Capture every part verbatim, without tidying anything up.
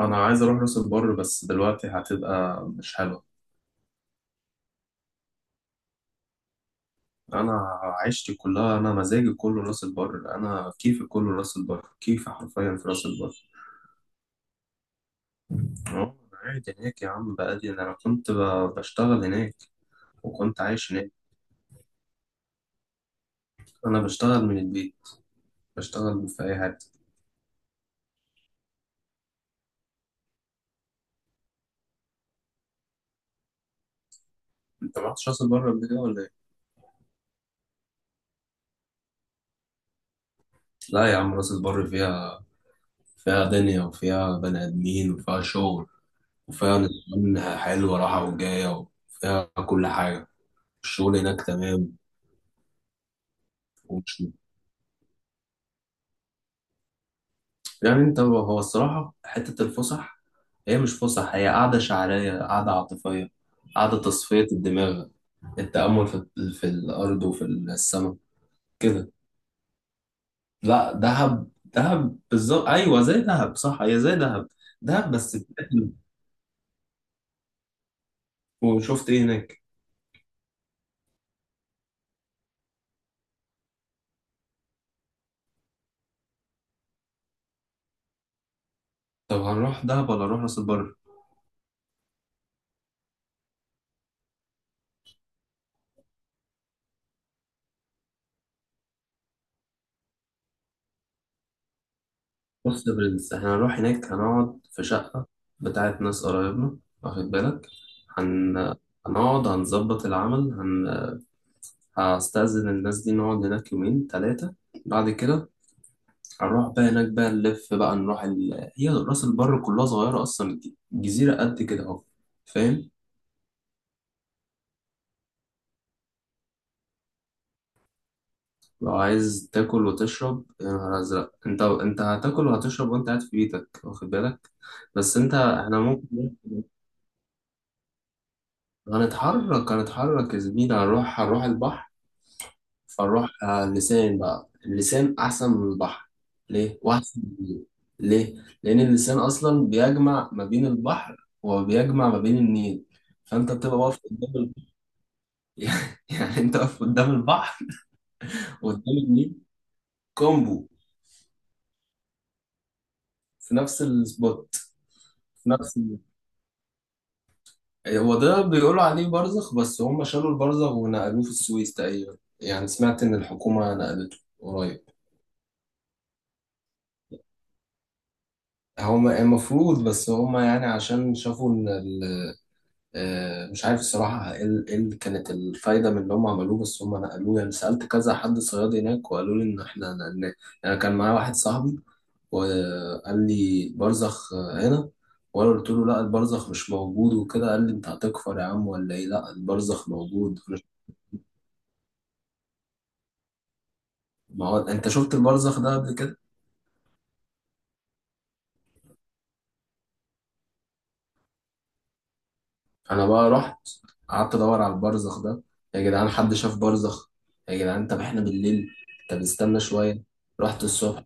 انا عايز اروح راس البر بس دلوقتي هتبقى مش حلوه. انا عشتي كلها انا مزاجي كله راس البر، انا كيفي كله راس البر، كيفي حرفيا في راس البر. اه انا قاعد هناك يا عم، بقالي انا كنت ب- بشتغل هناك وكنت عايش هناك. انا بشتغل من البيت، بشتغل في اي حته. انت ما رحتش راس البر قبل كده ولا ايه؟ لا يا عم، راس البر فيها، فيها دنيا وفيها بني ادمين وفيها شغل، وفيها نظام حلو، راحه وجايه، وفيها كل حاجه. الشغل هناك تمام. يعني انت هو هو الصراحة حتة الفسح هي مش فسح، هي قعدة شعرية، قعدة عاطفية، قعدة تصفية الدماغ، التأمل في, في الأرض وفي السماء. كده. لا دهب دهب بالظبط، أيوة زي دهب صح، هي زي دهب، دهب بس بتاكل. وشفت إيه هناك؟ طب هنروح دهب ولا نروح راس البر؟ بص يا برنس، احنا هنروح هناك هنقعد في شقة بتاعت ناس قرايبنا، واخد بالك، هن... هنقعد هنظبط العمل، هن... هستأذن الناس دي نقعد هناك يومين تلاتة، بعد كده هنروح بقى هناك بقى نلف بقى نروح ال... هي راس البر كلها صغيرة أصلا، الج- الجزيرة قد كده أهو. فاهم. لو عايز تاكل وتشرب، يا نهار أزرق، أنت أنت هتاكل وهتشرب وأنت قاعد في بيتك، واخد بالك. بس أنت، إحنا ممكن هنتحرك هنتحرك يا زميلي، هنروح هنروح البحر. فنروح على اللسان بقى، اللسان أحسن من البحر. ليه؟ وأحسن من النيل. ليه؟ لأن اللسان أصلا بيجمع ما بين البحر وبيجمع ما بين النيل، فأنت بتبقى واقف قدام ال... يعني أنت واقف قدام البحر وقدام النيل، كومبو، في نفس السبوت، في نفس ال... هو ده بيقولوا عليه برزخ، بس هم شالوا البرزخ ونقلوه في السويس تقريبا. يعني سمعت إن الحكومة نقلته قريب. هما المفروض، بس هما يعني عشان شافوا إن ال... آه، مش عارف الصراحة ايه ال- إيه اللي كانت الفايدة من اللي هم عملوه، بس هم نقلوه. يعني سألت كذا حد صياد هناك وقالوا لي إن إحنا نقلناه. يعني كان معايا واحد صاحبي وقال لي برزخ آه، هنا، وأنا قلت له لا، البرزخ مش موجود وكده. قال لي أنت هتكفر يا عم ولا إيه؟ لا، البرزخ موجود. ما هو أنت شفت البرزخ ده قبل كده؟ أنا بقى رحت، قعدت أدور على البرزخ ده. يا جدعان، حد شاف برزخ؟ يا جدعان، طب إحنا بالليل، طب استنى شوية، رحت الصبح.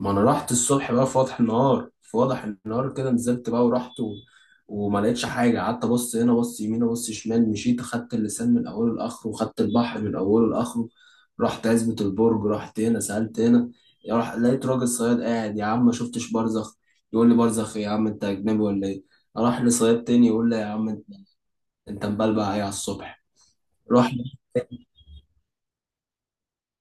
ما انا رحت الصبح بقى، في وضح النهار، في وضح النهار كده، نزلت بقى ورحت و... وما لقيتش حاجه. قعدت ابص هنا، ابص يمين، ابص شمال، مشيت اخدت اللسان من اوله لاخره، وخدت البحر من اوله لاخره. رحت عزبة البرج، رحت هنا، سالت هنا، يا رح... لقيت راجل صياد قاعد. يا عم ما شفتش برزخ. يقول لي برزخ إيه يا عم، انت اجنبي ولا ايه؟ اروح لصياد تاني يقول لي يا عم، انت انت مبلبع ايه على الصبح؟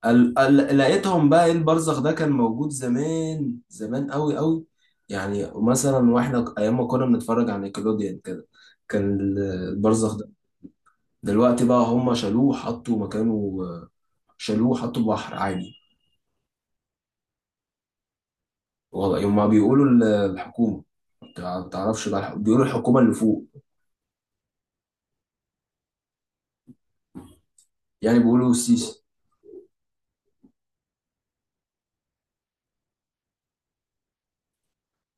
ال- ال- لقيتهم بقى، ايه البرزخ ده؟ كان موجود زمان، زمان قوي قوي، يعني مثلا واحنا ك- ايام ما كنا بنتفرج على نيكلوديان كده، كان ال- البرزخ ده، دلوقتي بقى هم شالوه حطوا مكانه، شالوه حطوا بحر عادي. والله يوم ما بيقولوا ال- الحكومة، ما تعرفش بقى الح- بيقولوا الحكومة اللي فوق، يعني بيقولوا السيسي.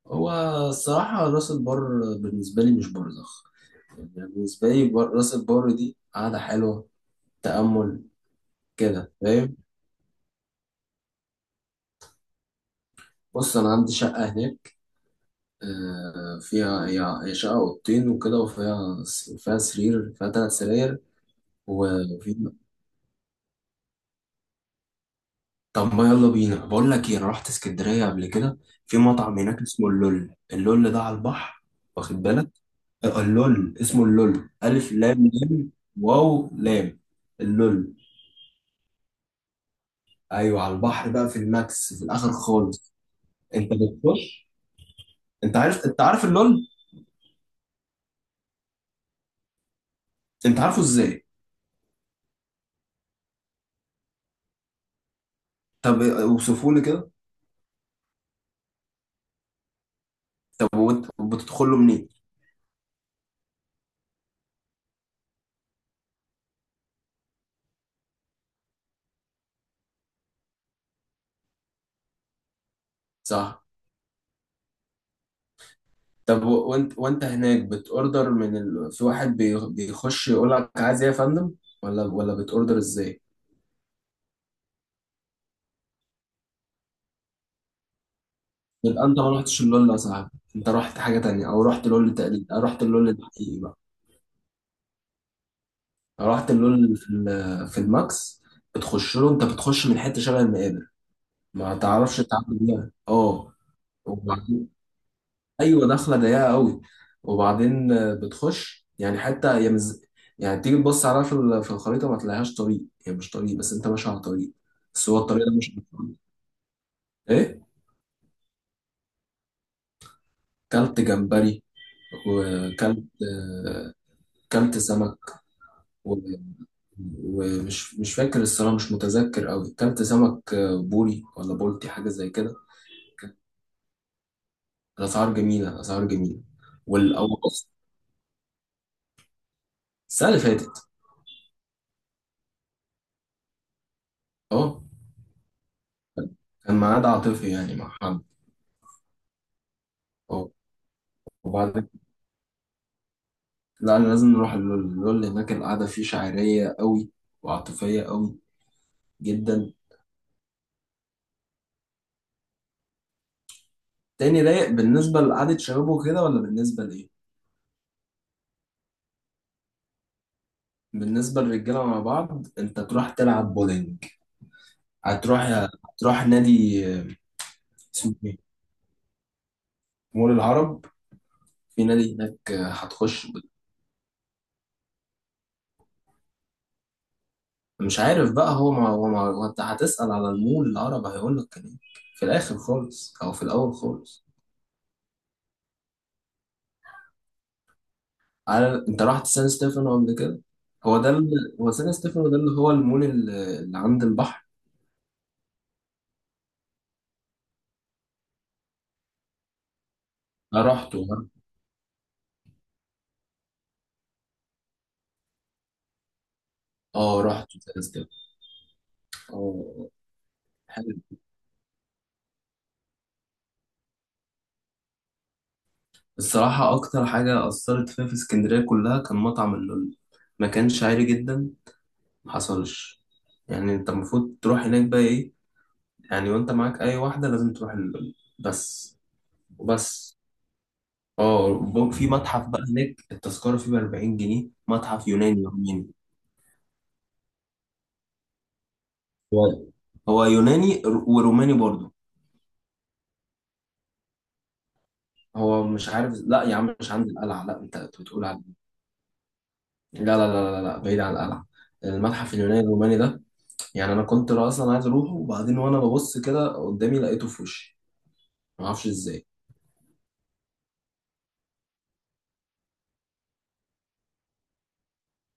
هو الصراحة راس البر بالنسبة لي مش برزخ، يعني بالنسبة لي بر- راس البر دي قعدة حلوة، تأمل كده، فاهم. بص انا عندي شقه هناك، آه، فيها هي هي شقه اوضتين وكده، وفيها فيها سرير، فيها ثلاث سراير وفي طب ما يلا بينا، بقول لك ايه، انا رحت اسكندريه قبل كده، في مطعم هناك اسمه اللول، اللول ده على البحر، واخد بالك، آه، اللول اسمه اللول، الف لام لام واو لام، اللول. ايوه على البحر بقى، في الماكس، في الاخر خالص. انت بتخش، انت عارف، انت عارف اللول. انت عارفه ازاي؟ طب اوصفه لي كده. طب وانت بتدخله منين؟ صح. طب و- وانت وانت هناك بتوردر من ال... في واحد بي- بيخش يقول لك عايز ايه يا فندم، ولا ولا بتوردر ازاي؟ يبقى انت ما رحتش اللول يا صاحبي، انت رحت حاجه تانية، او رحت لول تقليد، او رحت اللول الحقيقي بقى، او رحت اللول اللي في ال... في الماكس. بتخش له، انت بتخش من حته شبه المقابر، ما تعرفش تعمل بيها اه. ايوه، دخله ضيقه قوي، وبعدين آه، بتخش، يعني حتى هي مز... يعني تيجي تبص عليها في ال- في الخريطه ما تلاقيهاش طريق، هي مش طريق بس انت ماشي على طريق، بس هو الطريق ده مش ايه. كلت جمبري، وكلت آه، كلت سمك و... ومش، مش فاكر الصراحه، مش متذكر قوي، كلت سمك آه، بوري ولا بولتي، حاجه زي كده. الاسعار جميله، اسعار جميله. والاول، السنه اللي فاتت. اه، كان معاد عاطفي يعني مع حد. اه. وبعد، لا أنا لازم نروح اللول، اللول هناك القعدة فيه شعرية قوي وعاطفية قوي جدا. تاني رايق بالنسبة لقعدة شباب وكده، ولا بالنسبة لإيه؟ بالنسبة للرجالة مع بعض، أنت تروح تلعب بولينج، هتروح، هتروح نادي آه، اسمه إيه؟ مول العرب، في نادي هناك آه، هتخش. مش عارف بقى هو، ما هو ما هو أنت هتسأل على المول العرب هيقول لك كان إيه، في الآخر خالص أو في الأول خالص. على، انت رحت سان ستيفانو قبل كده؟ هو ده ال... هو سان ستيفانو ده اللي هو المول ال- اللي عند البحر، انا رحته، اه رحته سان ستيفانو. اه حلو. الصراحة أكتر حاجة أثرت فيا في اسكندرية كلها كان مطعم اللول. ما كانش عالي جدا، محصلش، يعني أنت المفروض تروح هناك بقى إيه، يعني وأنت معاك أي واحدة لازم تروح اللول بس، وبس. اه ب- في متحف بقى هناك، التذكرة فيه بأربعين جنيه، متحف يوناني روماني. هو يوناني رو- وروماني برضو. هو مش عارف، لا يا عم مش عند القلعة، لا انت كنت بتقول على، لا لا لا لا, لا بعيد عن القلعة، المتحف اليوناني الروماني ده. يعني انا كنت اصلا عايز اروحه، وبعدين وانا ببص كده قدامي لقيته في وشي، ما اعرفش ازاي.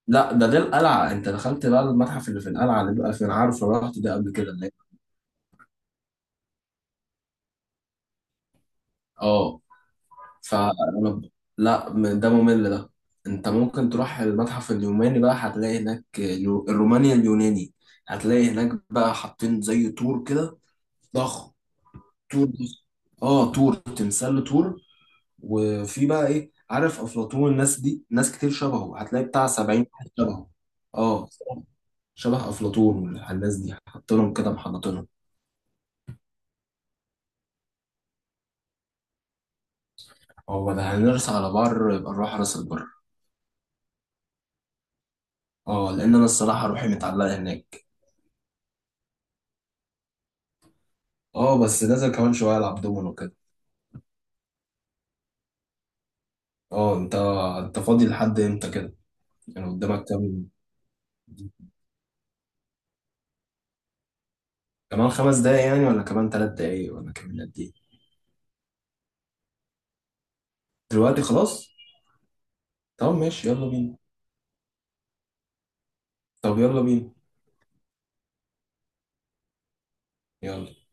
لا ده ده القلعة، انت دخلت بقى المتحف اللي في القلعة اللي بقى في، انا عارف، أنا رحت ده قبل كده اللي هي. اه. فانا ب- لا م- ده ممل ده. انت ممكن تروح المتحف اليوناني بقى، هتلاقي هناك اليو- الروماني اليوناني، هتلاقي هناك بقى حاطين زي طور كده، ضخم. طور. اه طور، تمثال طور. وفي بقى ايه، عارف افلاطون، الناس دي ناس كتير شبهه، هتلاقي بتاع سبعين واحد شبهه، اه شبه افلاطون، والناس دي حاطينهم كده محنطينهم. هو ده هنرس على بر، يبقى نروح راس البر. اه، لان انا الصراحه روحي متعلقه هناك. اه بس نازل كمان شويه العب دومينو كده. اه. انت انت فاضي لحد امتى كده، يعني قدامك كام؟ كمان خمس دقايق يعني، ولا كمان ثلاث دقايق، ولا كمان قد ايه؟ دلوقتي خلاص. طب ماشي يلا بينا. طب يلا بينا. يلا.